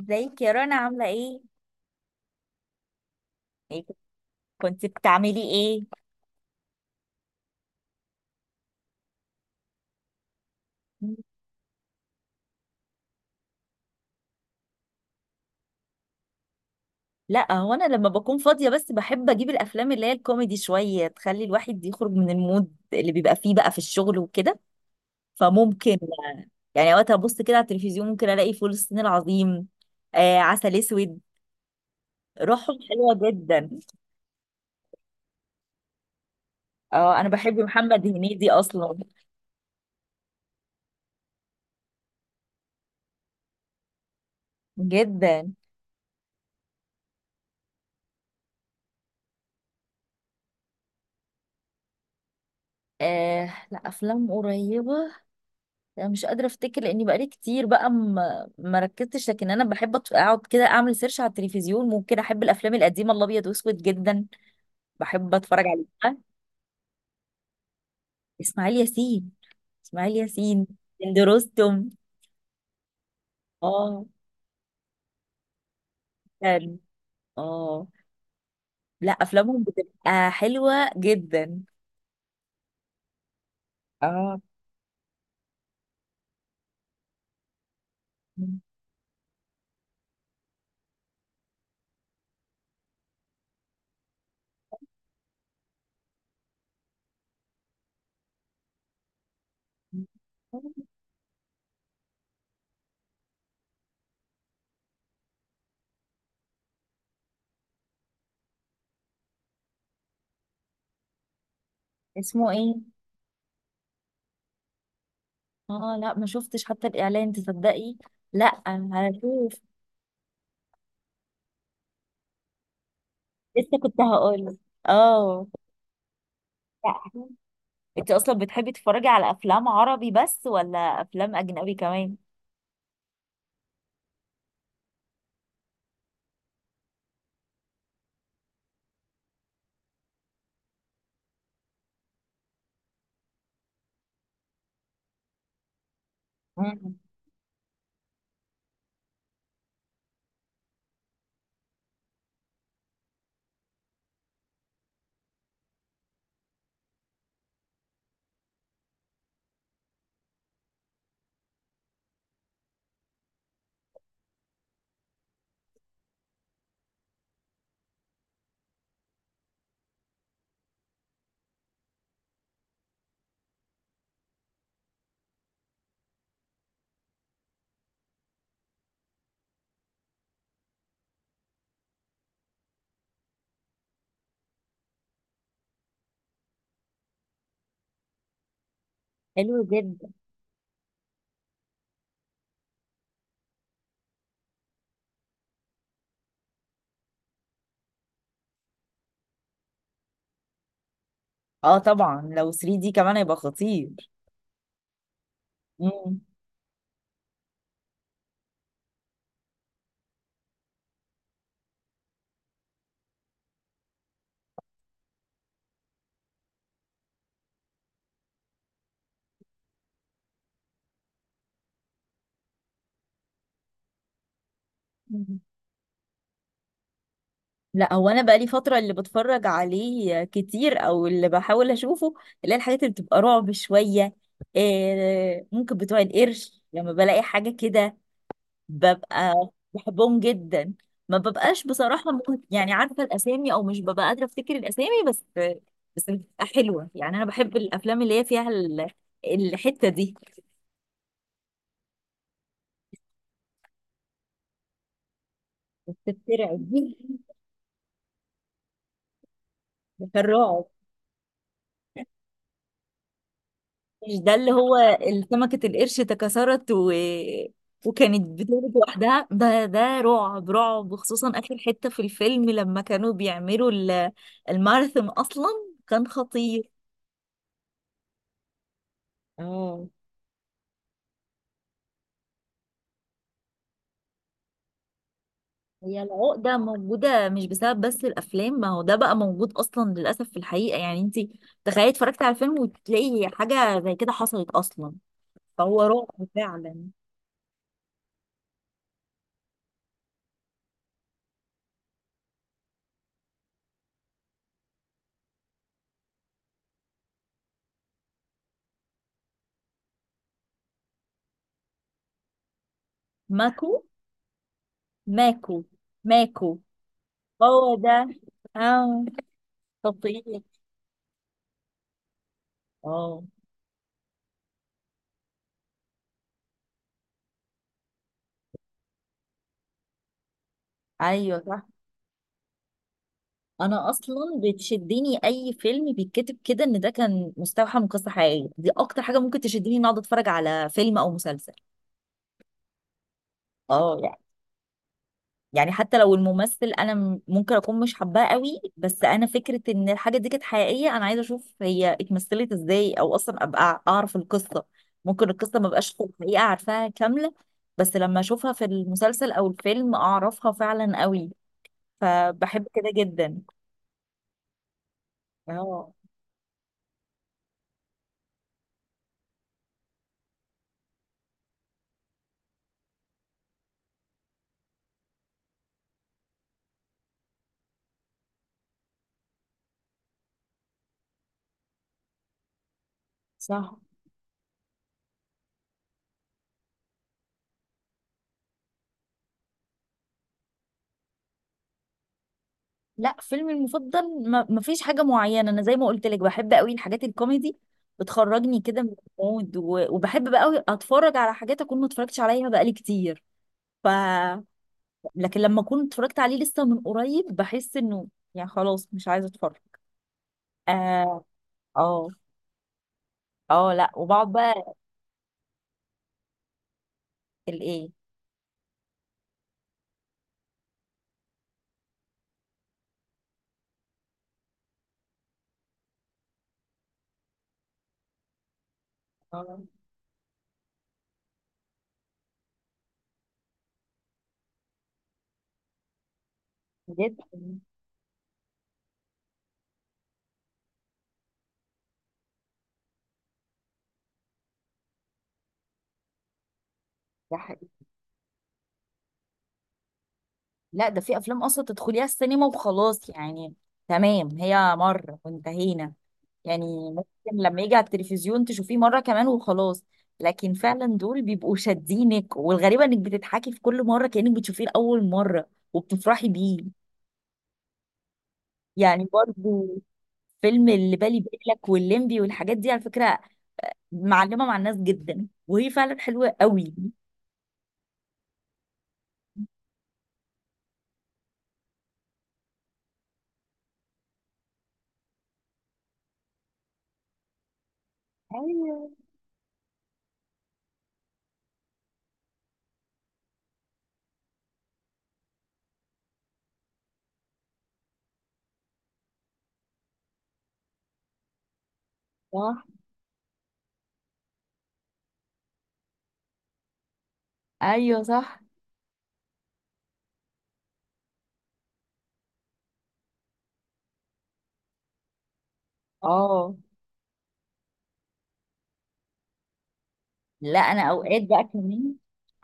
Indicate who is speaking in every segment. Speaker 1: ازيك يا رنا؟ عاملة ايه؟ إيه كنت بتعملي ايه؟ لا، هو انا لما بكون فاضية بس بحب اجيب الافلام اللي هي الكوميدي شوية، تخلي الواحد يخرج من المود اللي بيبقى فيه بقى في الشغل وكده. فممكن يعني وقت ابص كده على التلفزيون ممكن الاقي فول الصين العظيم، آه، عسل اسود. روحهم حلوة جدا. اه، انا بحب محمد هنيدي اصلا جدا. آه، لا افلام قريبة. انا مش قادره افتكر، لاني بقالي كتير بقى ما ركزتش. لكن انا بحب اقعد كده اعمل سيرش على التلفزيون، ممكن احب الافلام القديمه الابيض واسود جدا. بحب اتفرج عليها. اسماعيل ياسين، اسماعيل ياسين، هند رستم، اه. كان، اه، لا افلامهم بتبقى حلوه جدا. اه، اسمه ايه؟ اه لا، ما شفتش حتى الاعلان، تصدقي؟ لا، هشوف. لسه كنت هقول اه. لا، انت اصلا بتحبي تتفرجي على افلام عربي بس ولا افلام اجنبي كمان؟ مم. حلو جدا. اه طبعا، لو 3 دي كمان هيبقى خطير. مم. مم. لا، هو انا بقالي فتره اللي بتفرج عليه كتير او اللي بحاول اشوفه اللي هي الحاجات اللي بتبقى رعب شويه. إيه، ممكن بتوع القرش لما بلاقي حاجه كده ببقى بحبهم جدا. ما ببقاش بصراحة ممكن يعني عارفة الأسامي، أو مش ببقى قادرة أفتكر الأسامي، بس بس بتبقى حلوة. يعني أنا بحب الأفلام اللي هي فيها الحتة دي. بتترعب دي، بترعب. مش ده اللي هو سمكة القرش تكسرت وكانت بتولد لوحدها؟ ده رعب رعب، وخصوصا آخر حتة في الفيلم لما كانوا بيعملوا الماراثون أصلا. كان خطير. اه، هي العقدة موجودة مش بسبب بس الأفلام، ما هو ده بقى موجود أصلا للأسف في الحقيقة. يعني أنت تخيلي اتفرجتي على فيلم وتلاقي حاجة زي كده حصلت أصلا، فهو رعب فعلا. ماكو، ماكو، ماكو. هو ده. اه، تطبيق. اه، أيوه صح. أنا أصلا بتشدني أي فيلم بيتكتب كده إن ده كان مستوحى من قصة حقيقية، دي أكتر حاجة ممكن تشدني إن أقعد أتفرج على فيلم أو مسلسل. اه، يعني حتى لو الممثل انا ممكن اكون مش حباه قوي، بس انا فكره ان الحاجه دي كانت حقيقيه، انا عايزه اشوف هي اتمثلت ازاي، او اصلا ابقى اعرف القصه. ممكن القصه ما بقاش في الحقيقه عارفاها كامله، بس لما اشوفها في المسلسل او الفيلم اعرفها فعلا قوي. فبحب كده جدا. اه، صح. لا فيلمي المفضل ما فيش حاجه معينه. انا زي ما قلت لك بحب قوي الحاجات الكوميدي، بتخرجني كده من المود. وبحب بقى قوي اتفرج على حاجات اكون ما اتفرجتش عليها بقالي كتير. ف لكن لما اكون اتفرجت عليه لسه من قريب بحس انه يعني خلاص مش عايزه اتفرج. اه، اه، اه. لا وبقعد بقى الايه. اه، بجد. ده حقيقي. لا، ده في افلام اصلا تدخليها السينما وخلاص، يعني تمام هي مره وانتهينا. يعني ممكن لما يجي على التلفزيون تشوفيه مره كمان وخلاص. لكن فعلا دول بيبقوا شادينك، والغريبه انك بتضحكي في كل مره كانك بتشوفيه لاول مره وبتفرحي بيه. يعني برضو، فيلم اللي بالي بالك والليمبي والحاجات دي على فكرة، معلمة مع الناس جدا، وهي فعلا حلوة قوي. ايوه صح. ايوه صح. اه لا، انا اوقات بقى كمان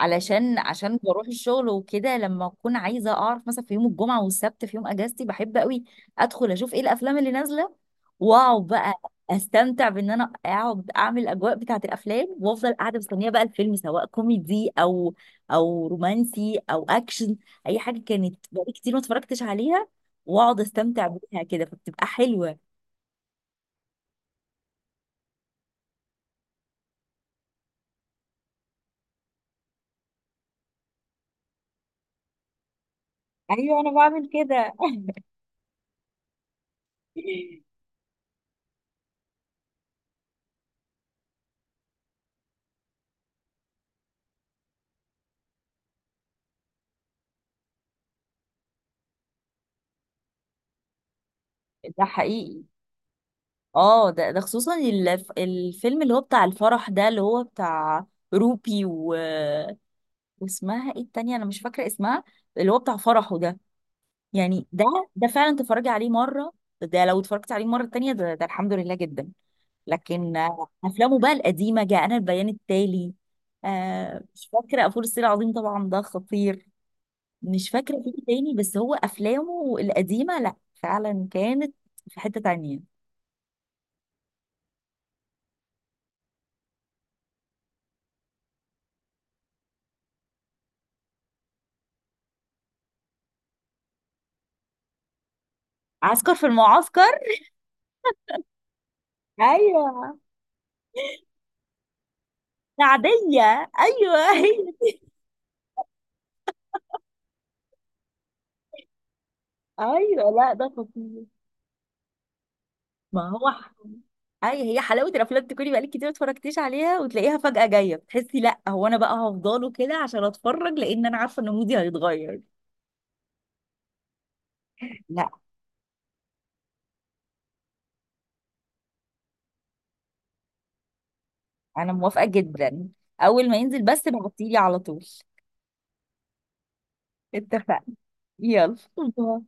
Speaker 1: علشان عشان بروح الشغل وكده، لما اكون عايزه اعرف مثلا في يوم الجمعه والسبت في يوم اجازتي بحب قوي ادخل اشوف ايه الافلام اللي نازله، واقعد بقى استمتع بان انا اقعد اعمل الاجواء بتاعه الافلام، وافضل قاعده مستنيه بقى الفيلم سواء كوميدي او او رومانسي او اكشن، اي حاجه كانت بقالي كتير ما اتفرجتش عليها، واقعد استمتع بيها كده، فبتبقى حلوه. ايوه، انا بعمل كده. ده حقيقي. اه، ده خصوصا الفيلم اللي هو بتاع الفرح ده، اللي هو بتاع روبي واسمها ايه التانية، انا مش فاكرة اسمها، اللي هو بتاع فرحه ده. يعني ده، ده فعلا تتفرجي عليه مرة، ده لو اتفرجت عليه مرة تانية، ده الحمد لله جدا. لكن آه، افلامه بقى القديمة جاء انا البيان التالي، آه مش فاكرة، فول الصين العظيم طبعا ده خطير. مش فاكرة فيه تاني، بس هو افلامه القديمة لا فعلا كانت في حتة تانية. عسكر في المعسكر، ايوه العادية، أيوه هي. أيوه، لا ده خطير. ما هو أي هي حلاوة الأفلام تكوني بقالك كتير ما اتفرجتيش عليها وتلاقيها فجأة جاية، بتحسي لا هو أنا بقى هفضله كده عشان أتفرج، لأن أنا عارفة إن مودي هيتغير. لا، أنا موافقة جدا، أول ما ينزل بس بعتيلي على طول. اتفقنا. يلا باي.